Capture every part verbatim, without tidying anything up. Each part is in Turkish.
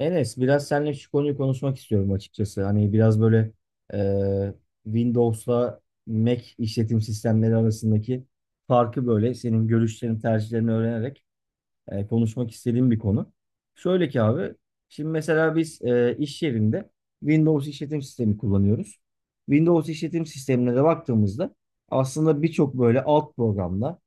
Enes, biraz seninle şu konuyu konuşmak istiyorum açıkçası. Hani biraz böyle e, Windows'la Mac işletim sistemleri arasındaki farkı böyle senin görüşlerini, tercihlerini öğrenerek e, konuşmak istediğim bir konu. Şöyle ki abi, şimdi mesela biz e, iş yerinde Windows işletim sistemi kullanıyoruz. Windows işletim sistemine de baktığımızda aslında birçok böyle alt programla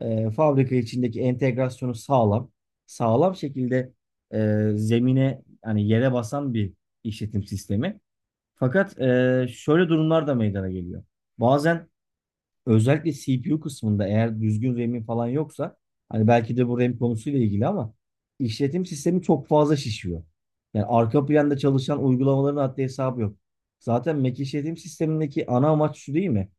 e, fabrika içindeki entegrasyonu sağlam, sağlam şekilde e, zemine yani yere basan bir işletim sistemi. Fakat e, şöyle durumlar da meydana geliyor. Bazen özellikle C P U kısmında eğer düzgün R A M'in falan yoksa hani belki de bu RAM konusuyla ilgili ama işletim sistemi çok fazla şişiyor. Yani arka planda çalışan uygulamaların haddi hesabı yok. Zaten Mac işletim sistemindeki ana amaç şu değil mi?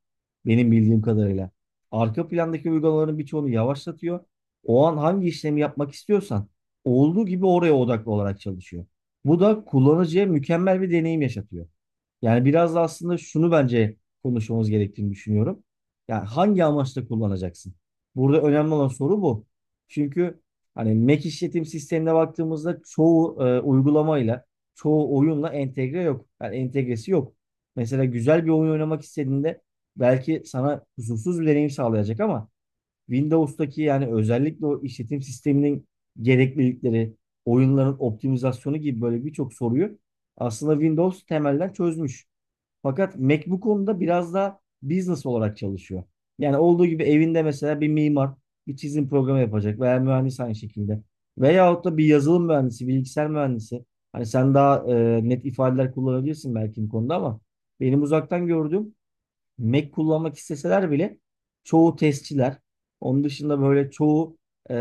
Benim bildiğim kadarıyla. Arka plandaki uygulamaların birçoğunu yavaşlatıyor. O an hangi işlemi yapmak istiyorsan olduğu gibi oraya odaklı olarak çalışıyor. Bu da kullanıcıya mükemmel bir deneyim yaşatıyor. Yani biraz da aslında şunu bence konuşmamız gerektiğini düşünüyorum. Yani hangi amaçla kullanacaksın? Burada önemli olan soru bu. Çünkü hani Mac işletim sistemine baktığımızda çoğu e, uygulamayla, çoğu oyunla entegre yok. Yani entegresi yok. Mesela güzel bir oyun oynamak istediğinde belki sana kusursuz bir deneyim sağlayacak ama Windows'taki yani özellikle o işletim sisteminin gereklilikleri, oyunların optimizasyonu gibi böyle birçok soruyu aslında Windows temelden çözmüş. Fakat Mac bu konuda biraz da business olarak çalışıyor. Yani olduğu gibi evinde mesela bir mimar bir çizim programı yapacak veya mühendis aynı şekilde. Veyahut da bir yazılım mühendisi, bilgisayar mühendisi. Hani sen daha e, net ifadeler kullanabilirsin belki bu konuda ama benim uzaktan gördüğüm Mac kullanmak isteseler bile çoğu testçiler, onun dışında böyle çoğu e,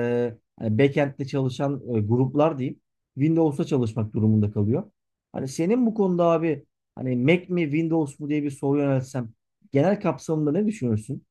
hani backend'de çalışan e, gruplar diyeyim, Windows'ta çalışmak durumunda kalıyor. Hani senin bu konuda abi hani Mac mi Windows mu diye bir soru yöneltsem genel kapsamında ne düşünürsün?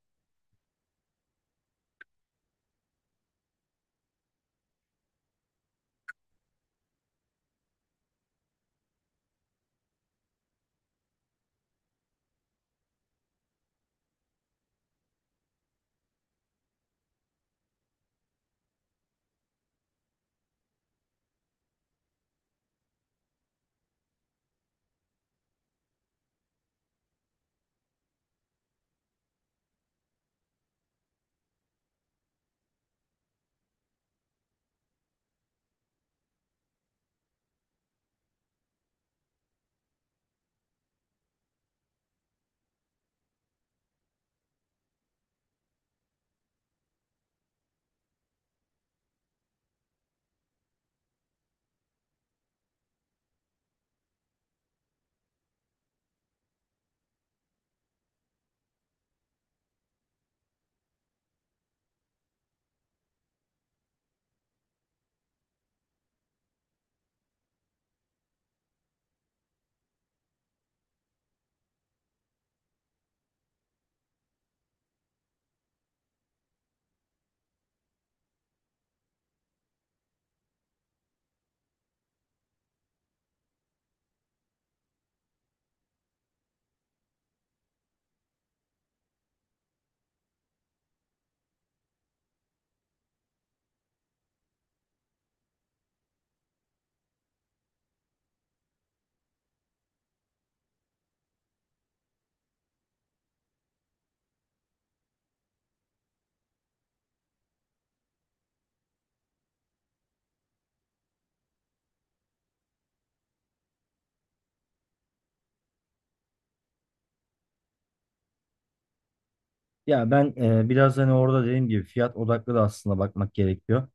Ya ben e, biraz hani orada dediğim gibi fiyat odaklı da aslında bakmak gerekiyor.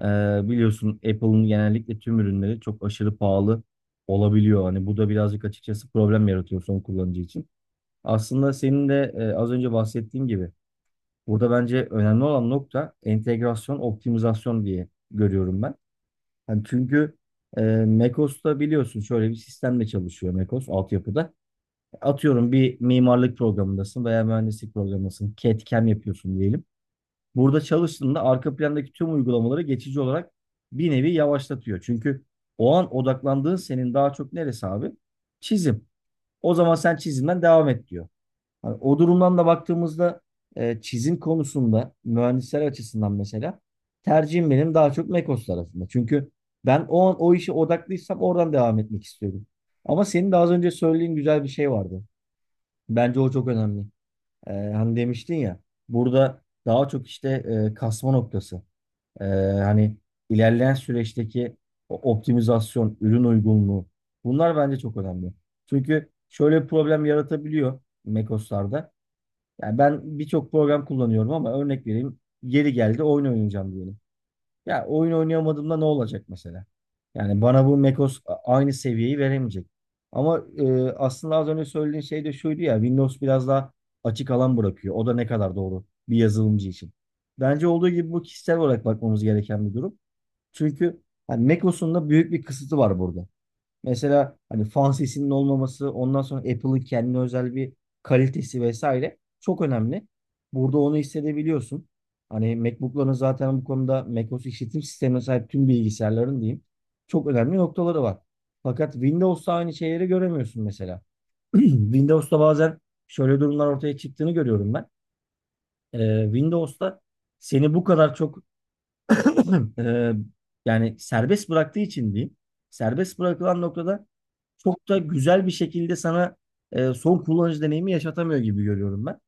E, biliyorsun Apple'ın genellikle tüm ürünleri çok aşırı pahalı olabiliyor. Hani bu da birazcık açıkçası problem yaratıyor son kullanıcı için. Aslında senin de e, az önce bahsettiğin gibi burada bence önemli olan nokta entegrasyon, optimizasyon diye görüyorum ben. Hani çünkü e, Mekos'ta biliyorsun şöyle bir sistemle çalışıyor Mekos altyapıda. Atıyorum bir mimarlık programındasın veya mühendislik programındasın. C A D/C A M yapıyorsun diyelim. Burada çalıştığında arka plandaki tüm uygulamaları geçici olarak bir nevi yavaşlatıyor. Çünkü o an odaklandığın senin daha çok neresi abi? Çizim. O zaman sen çizimden devam et diyor. Hani o durumdan da baktığımızda e, çizim konusunda mühendisler açısından mesela tercihim benim daha çok Mekos tarafında. Çünkü ben o an o işe odaklıysam oradan devam etmek istiyorum. Ama senin de az önce söylediğin güzel bir şey vardı. Bence o çok önemli. E, hani demiştin ya burada daha çok işte e, kasma noktası. E, hani ilerleyen süreçteki o optimizasyon, ürün uygunluğu bunlar bence çok önemli. Çünkü şöyle bir problem yaratabiliyor Mekos'larda. Yani ben birçok program kullanıyorum ama örnek vereyim. Yeri geldi oyun oynayacağım diyelim. Ya oyun oynayamadığımda ne olacak mesela? Yani bana bu macOS a- aynı seviyeyi veremeyecek. Ama e, aslında az önce söylediğin şey de şuydu ya Windows biraz daha açık alan bırakıyor. O da ne kadar doğru bir yazılımcı için. Bence olduğu gibi bu kişisel olarak bakmamız gereken bir durum. Çünkü hani macOS'un da büyük bir kısıtı var burada. Mesela hani fan sesinin olmaması, ondan sonra Apple'ın kendine özel bir kalitesi vesaire çok önemli. Burada onu hissedebiliyorsun. Hani MacBook'ların zaten bu konuda macOS işletim sistemine sahip tüm bilgisayarların diyeyim çok önemli noktaları var. Fakat Windows'ta aynı şeyleri göremiyorsun mesela. Windows'ta bazen şöyle durumlar ortaya çıktığını görüyorum ben. Ee, Windows'ta seni bu kadar çok Ee, yani serbest bıraktığı için diyeyim. Serbest bırakılan noktada çok da güzel bir şekilde sana e, son kullanıcı deneyimi yaşatamıyor gibi görüyorum ben.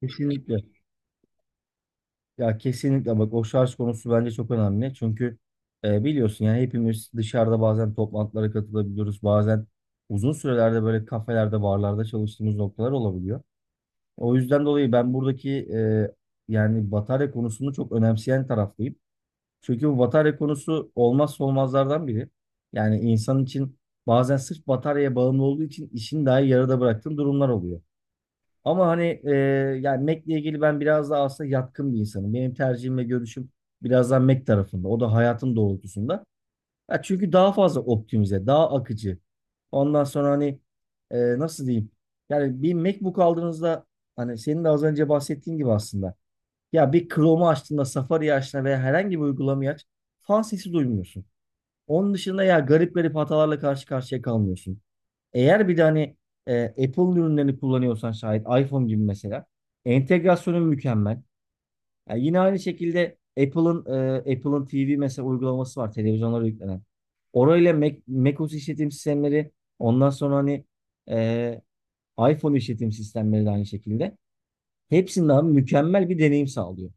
Kesinlikle. Ya kesinlikle bak o şarj konusu bence çok önemli. Çünkü e, biliyorsun yani hepimiz dışarıda bazen toplantılara katılabiliyoruz. Bazen uzun sürelerde böyle kafelerde, barlarda çalıştığımız noktalar olabiliyor. O yüzden dolayı ben buradaki e, yani batarya konusunu çok önemseyen taraftayım. Çünkü bu batarya konusu olmazsa olmazlardan biri. Yani insan için bazen sırf bataryaya bağımlı olduğu için işini dahi yarıda bıraktığın durumlar oluyor. Ama hani e, yani Mac'le ilgili ben biraz daha aslında yatkın bir insanım. Benim tercihim ve görüşüm biraz daha Mac tarafında. O da hayatın doğrultusunda. Ya çünkü daha fazla optimize, daha akıcı. Ondan sonra hani e, nasıl diyeyim? Yani bir MacBook aldığınızda hani senin de az önce bahsettiğin gibi aslında. Ya bir Chrome'u açtığında, Safari'yi açtığında veya herhangi bir uygulamayı aç, fan sesi duymuyorsun. Onun dışında ya garip garip hatalarla karşı karşıya kalmıyorsun. Eğer bir de hani e, Apple ürünlerini kullanıyorsan şayet iPhone gibi mesela entegrasyonu mükemmel. Yani yine aynı şekilde Apple'ın e, Apple'ın T V mesela uygulaması var televizyonlara yüklenen. Orayla Mac, macOS işletim sistemleri ondan sonra hani e, iPhone işletim sistemleri de aynı şekilde. Hepsinde abi mükemmel bir deneyim sağlıyor.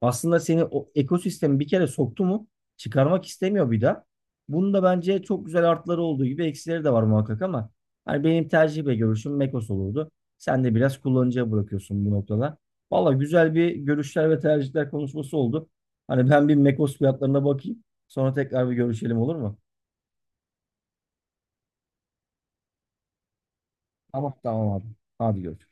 Aslında seni o ekosistemi bir kere soktu mu çıkarmak istemiyor bir daha. Bunun da bence çok güzel artları olduğu gibi eksileri de var muhakkak ama hani benim tercih ve görüşüm Mekos olurdu. Sen de biraz kullanıcıya bırakıyorsun bu noktada. Valla güzel bir görüşler ve tercihler konuşması oldu. Hani ben bir Mekos fiyatlarına bakayım. Sonra tekrar bir görüşelim olur mu? Tamam tamam abi. Hadi görüşürüz.